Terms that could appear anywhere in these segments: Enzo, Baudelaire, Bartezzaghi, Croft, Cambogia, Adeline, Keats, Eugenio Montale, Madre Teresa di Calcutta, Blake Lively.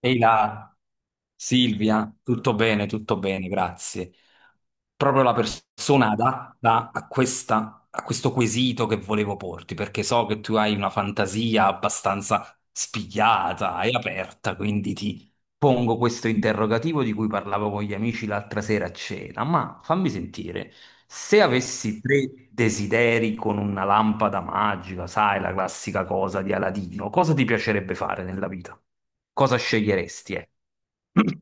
Ehi là, Silvia, tutto bene, grazie. Proprio la persona adatta a a questo quesito che volevo porti, perché so che tu hai una fantasia abbastanza spigliata e aperta, quindi pongo questo interrogativo di cui parlavo con gli amici l'altra sera a cena, ma fammi sentire, se avessi tre desideri con una lampada magica, sai, la classica cosa di Aladino, cosa ti piacerebbe fare nella vita? Cosa sceglieresti, eh?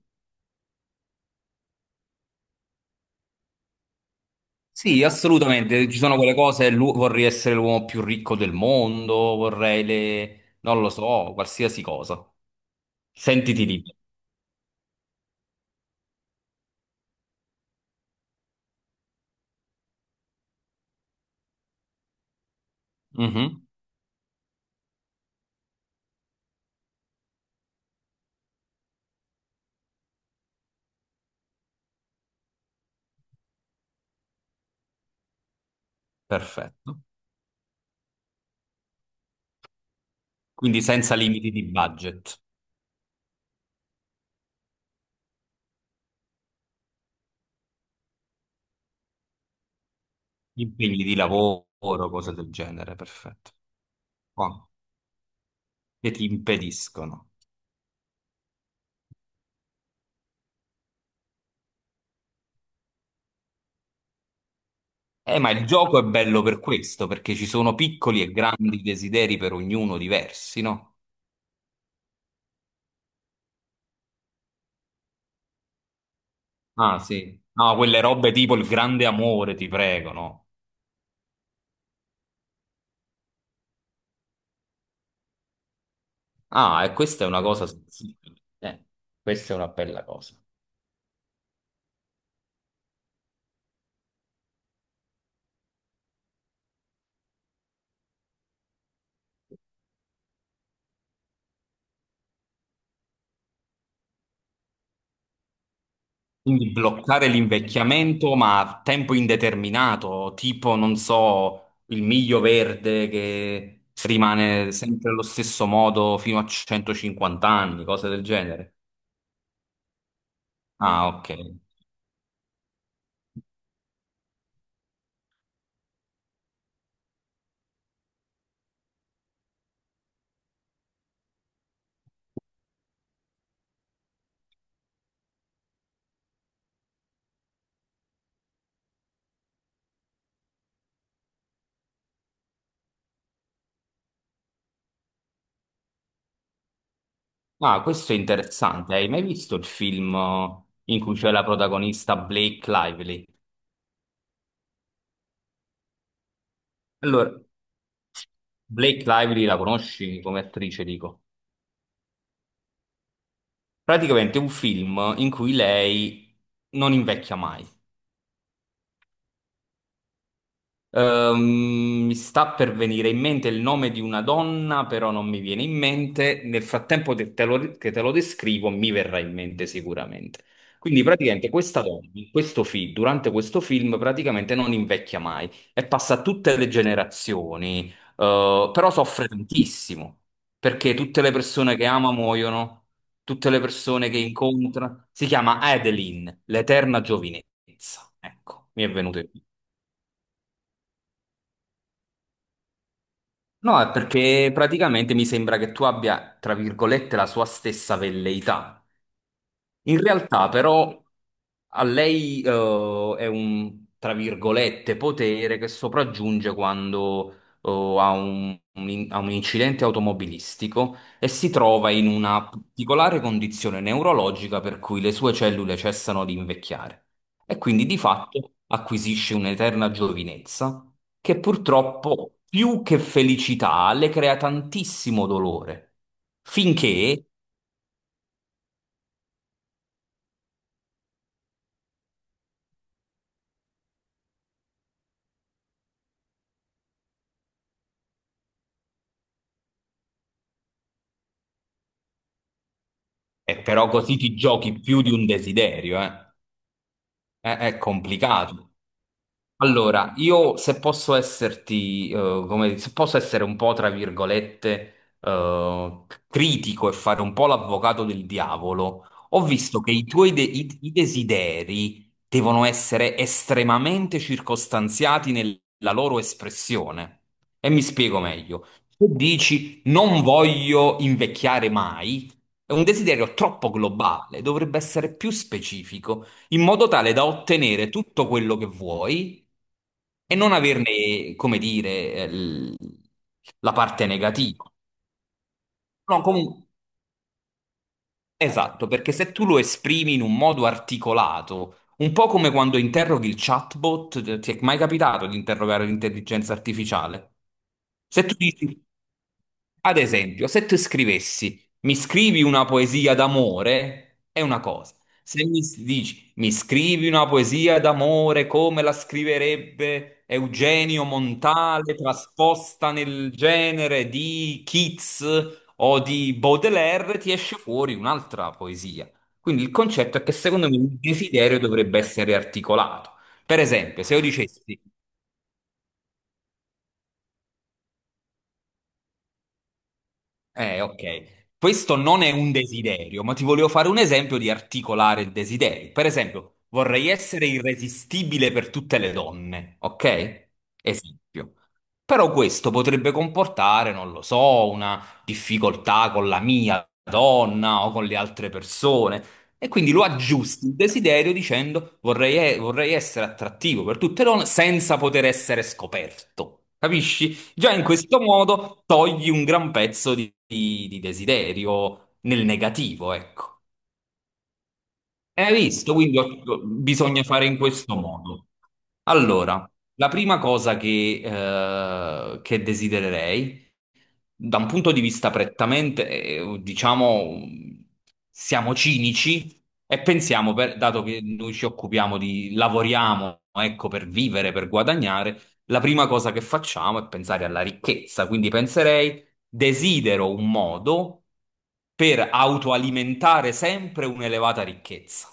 Sì, assolutamente. Ci sono quelle cose, vorrei essere l'uomo più ricco del mondo, non lo so, qualsiasi cosa. Sentiti libero. Mhm. Perfetto. Quindi senza limiti di budget. Impegni di lavoro, cose del genere, perfetto. Qua, che ti impediscono. Ma il gioco è bello per questo, perché ci sono piccoli e grandi desideri per ognuno diversi, no? Ah, sì. No, quelle robe tipo il grande amore, ti prego, no? Ah, e questa è una cosa sensibile. Questa è una bella cosa. Quindi bloccare l'invecchiamento, ma a tempo indeterminato, tipo, non so, il miglio verde che rimane sempre allo stesso modo fino a 150 anni, cose del genere. Ah, ok. Ah, questo è interessante. Hai mai visto il film in cui c'è la protagonista Blake Lively? Allora, Blake Lively la conosci come attrice, dico. Praticamente è un film in cui lei non invecchia mai. Mi sta per venire in mente il nome di una donna, però non mi viene in mente. Nel frattempo che te lo descrivo, mi verrà in mente sicuramente. Quindi praticamente questa donna, in questo durante questo film, praticamente non invecchia mai e passa a tutte le generazioni, però soffre tantissimo, perché tutte le persone che ama muoiono, tutte le persone che incontra. Si chiama Adeline, l'eterna giovinezza. Ecco, mi è venuto in mente. No, è perché praticamente mi sembra che tu abbia, tra virgolette, la sua stessa velleità. In realtà però a lei è un, tra virgolette, potere che sopraggiunge quando eh, ha un incidente automobilistico e si trova in una particolare condizione neurologica per cui le sue cellule cessano di invecchiare e quindi di fatto acquisisce un'eterna giovinezza che purtroppo più che felicità le crea tantissimo dolore. Finché Però così ti giochi più di un desiderio, eh. È complicato. Allora, io se posso esserti, come, se posso essere un po', tra virgolette, critico e fare un po' l'avvocato del diavolo, ho visto che i tuoi i desideri devono essere estremamente circostanziati nella loro espressione. E mi spiego meglio. Se dici non voglio invecchiare mai, è un desiderio troppo globale, dovrebbe essere più specifico in modo tale da ottenere tutto quello che vuoi e non averne, come dire, la parte negativa. No, comunque, esatto, perché se tu lo esprimi in un modo articolato, un po' come quando interroghi il chatbot, ti è mai capitato di interrogare l'intelligenza artificiale? Se tu dici Ad esempio, se tu scrivessi, mi scrivi una poesia d'amore, è una cosa. Se dici, mi scrivi una poesia d'amore come la scriverebbe Eugenio Montale, trasposta nel genere di Keats o di Baudelaire, ti esce fuori un'altra poesia. Quindi il concetto è che secondo me il desiderio dovrebbe essere articolato. Per esempio, se io dicessi, ok. Questo non è un desiderio, ma ti volevo fare un esempio di articolare il desiderio. Per esempio, vorrei essere irresistibile per tutte le donne, ok? Esempio. Però questo potrebbe comportare, non lo so, una difficoltà con la mia donna o con le altre persone. E quindi lo aggiusti il desiderio dicendo vorrei essere attrattivo per tutte le donne senza poter essere scoperto. Capisci? Già in questo modo togli un gran pezzo di desiderio nel negativo, ecco. E hai visto? Quindi bisogna fare in questo modo. Allora, la prima cosa che desidererei da un punto di vista prettamente, diciamo, siamo cinici e pensiamo, dato che noi ci occupiamo di, lavoriamo, ecco, per vivere, per guadagnare, la prima cosa che facciamo è pensare alla ricchezza. Quindi penserei, desidero un modo per autoalimentare sempre un'elevata ricchezza.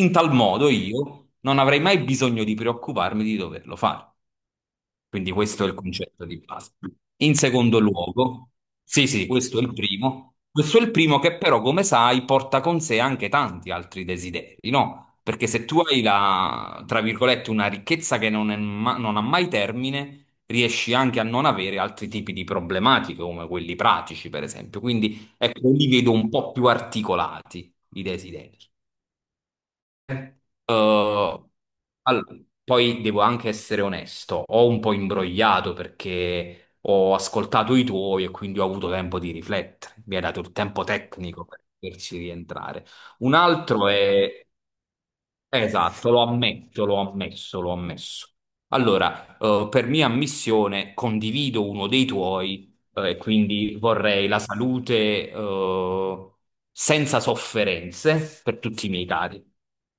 In tal modo io non avrei mai bisogno di preoccuparmi di doverlo fare. Quindi questo è il concetto di base. In secondo luogo, sì, sì, questo è il primo. Questo è il primo che però, come sai, porta con sé anche tanti altri desideri, no? Perché se tu hai la, tra virgolette, una ricchezza che non è non ha mai termine, riesci anche a non avere altri tipi di problematiche, come quelli pratici, per esempio. Quindi, ecco, li vedo un po' più articolati, i desideri. Uh, Poi devo anche essere onesto, ho un po' imbrogliato perché ho ascoltato i tuoi e quindi ho avuto tempo di riflettere. Mi hai dato il tempo tecnico per poterci rientrare. Un altro è Esatto, lo ammetto, lo ammesso, lo ammesso. Allora, per mia ammissione condivido uno dei tuoi, e quindi vorrei la salute, senza sofferenze per tutti i miei cari,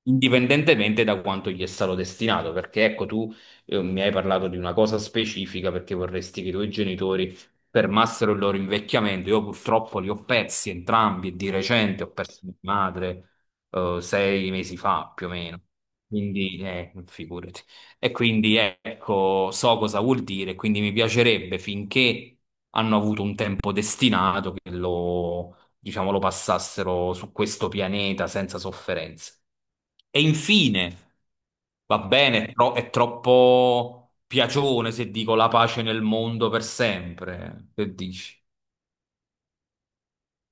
indipendentemente da quanto gli è stato destinato, perché ecco, tu, mi hai parlato di una cosa specifica perché vorresti che i tuoi genitori fermassero il loro invecchiamento. Io purtroppo li ho persi entrambi, di recente ho perso mia madre 6 mesi fa più o meno. Quindi, figurati. E quindi ecco, so cosa vuol dire, quindi mi piacerebbe finché hanno avuto un tempo destinato che lo, diciamo, lo passassero su questo pianeta senza sofferenze. E infine, va bene, è troppo piacione se dico la pace nel mondo per sempre. Che dici?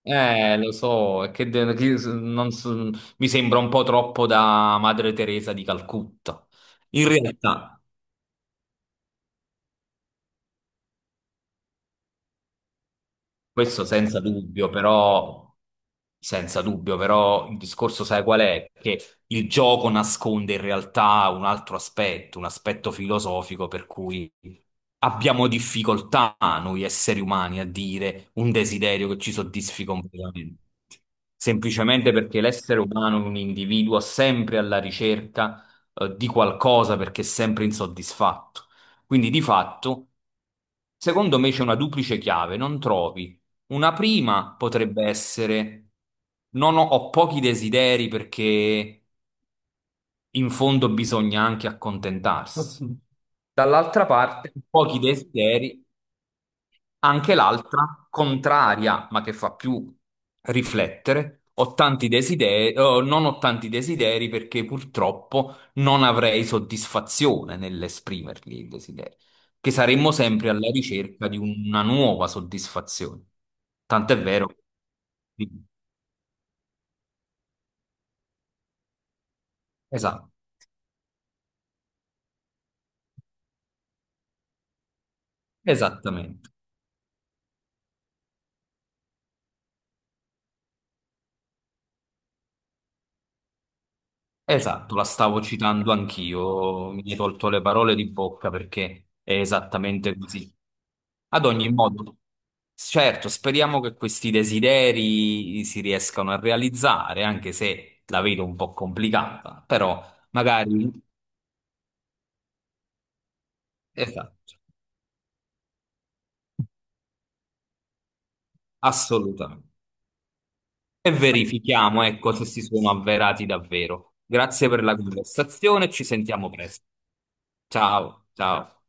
Lo so, è che, de- che s- non so- mi sembra un po' troppo da Madre Teresa di Calcutta. In realtà, questo senza dubbio, però, senza dubbio, però il discorso sai qual è? Che il gioco nasconde in realtà un altro aspetto, un aspetto filosofico per cui abbiamo difficoltà noi esseri umani a dire un desiderio che ci soddisfi completamente. Semplicemente perché l'essere umano è un individuo sempre alla ricerca, di qualcosa perché è sempre insoddisfatto. Quindi di fatto... Secondo me c'è una duplice chiave, non trovi una prima potrebbe essere, non ho, ho pochi desideri perché in fondo bisogna anche accontentarsi. Dall'altra parte, pochi desideri. Anche l'altra, contraria, ma che fa più riflettere, ho tanti desideri, oh, non ho tanti desideri perché purtroppo non avrei soddisfazione nell'esprimerli i desideri, che saremmo sempre alla ricerca di una nuova soddisfazione. Tant'è vero. Esatto, esattamente. Esatto, la stavo citando anch'io, mi hai tolto le parole di bocca perché è esattamente così. Ad ogni modo, certo, speriamo che questi desideri si riescano a realizzare, anche se la vedo un po' complicata, però magari, esatto, assolutamente. E verifichiamo, ecco, se si sono avverati davvero. Grazie per la conversazione, ci sentiamo presto. Ciao, ciao.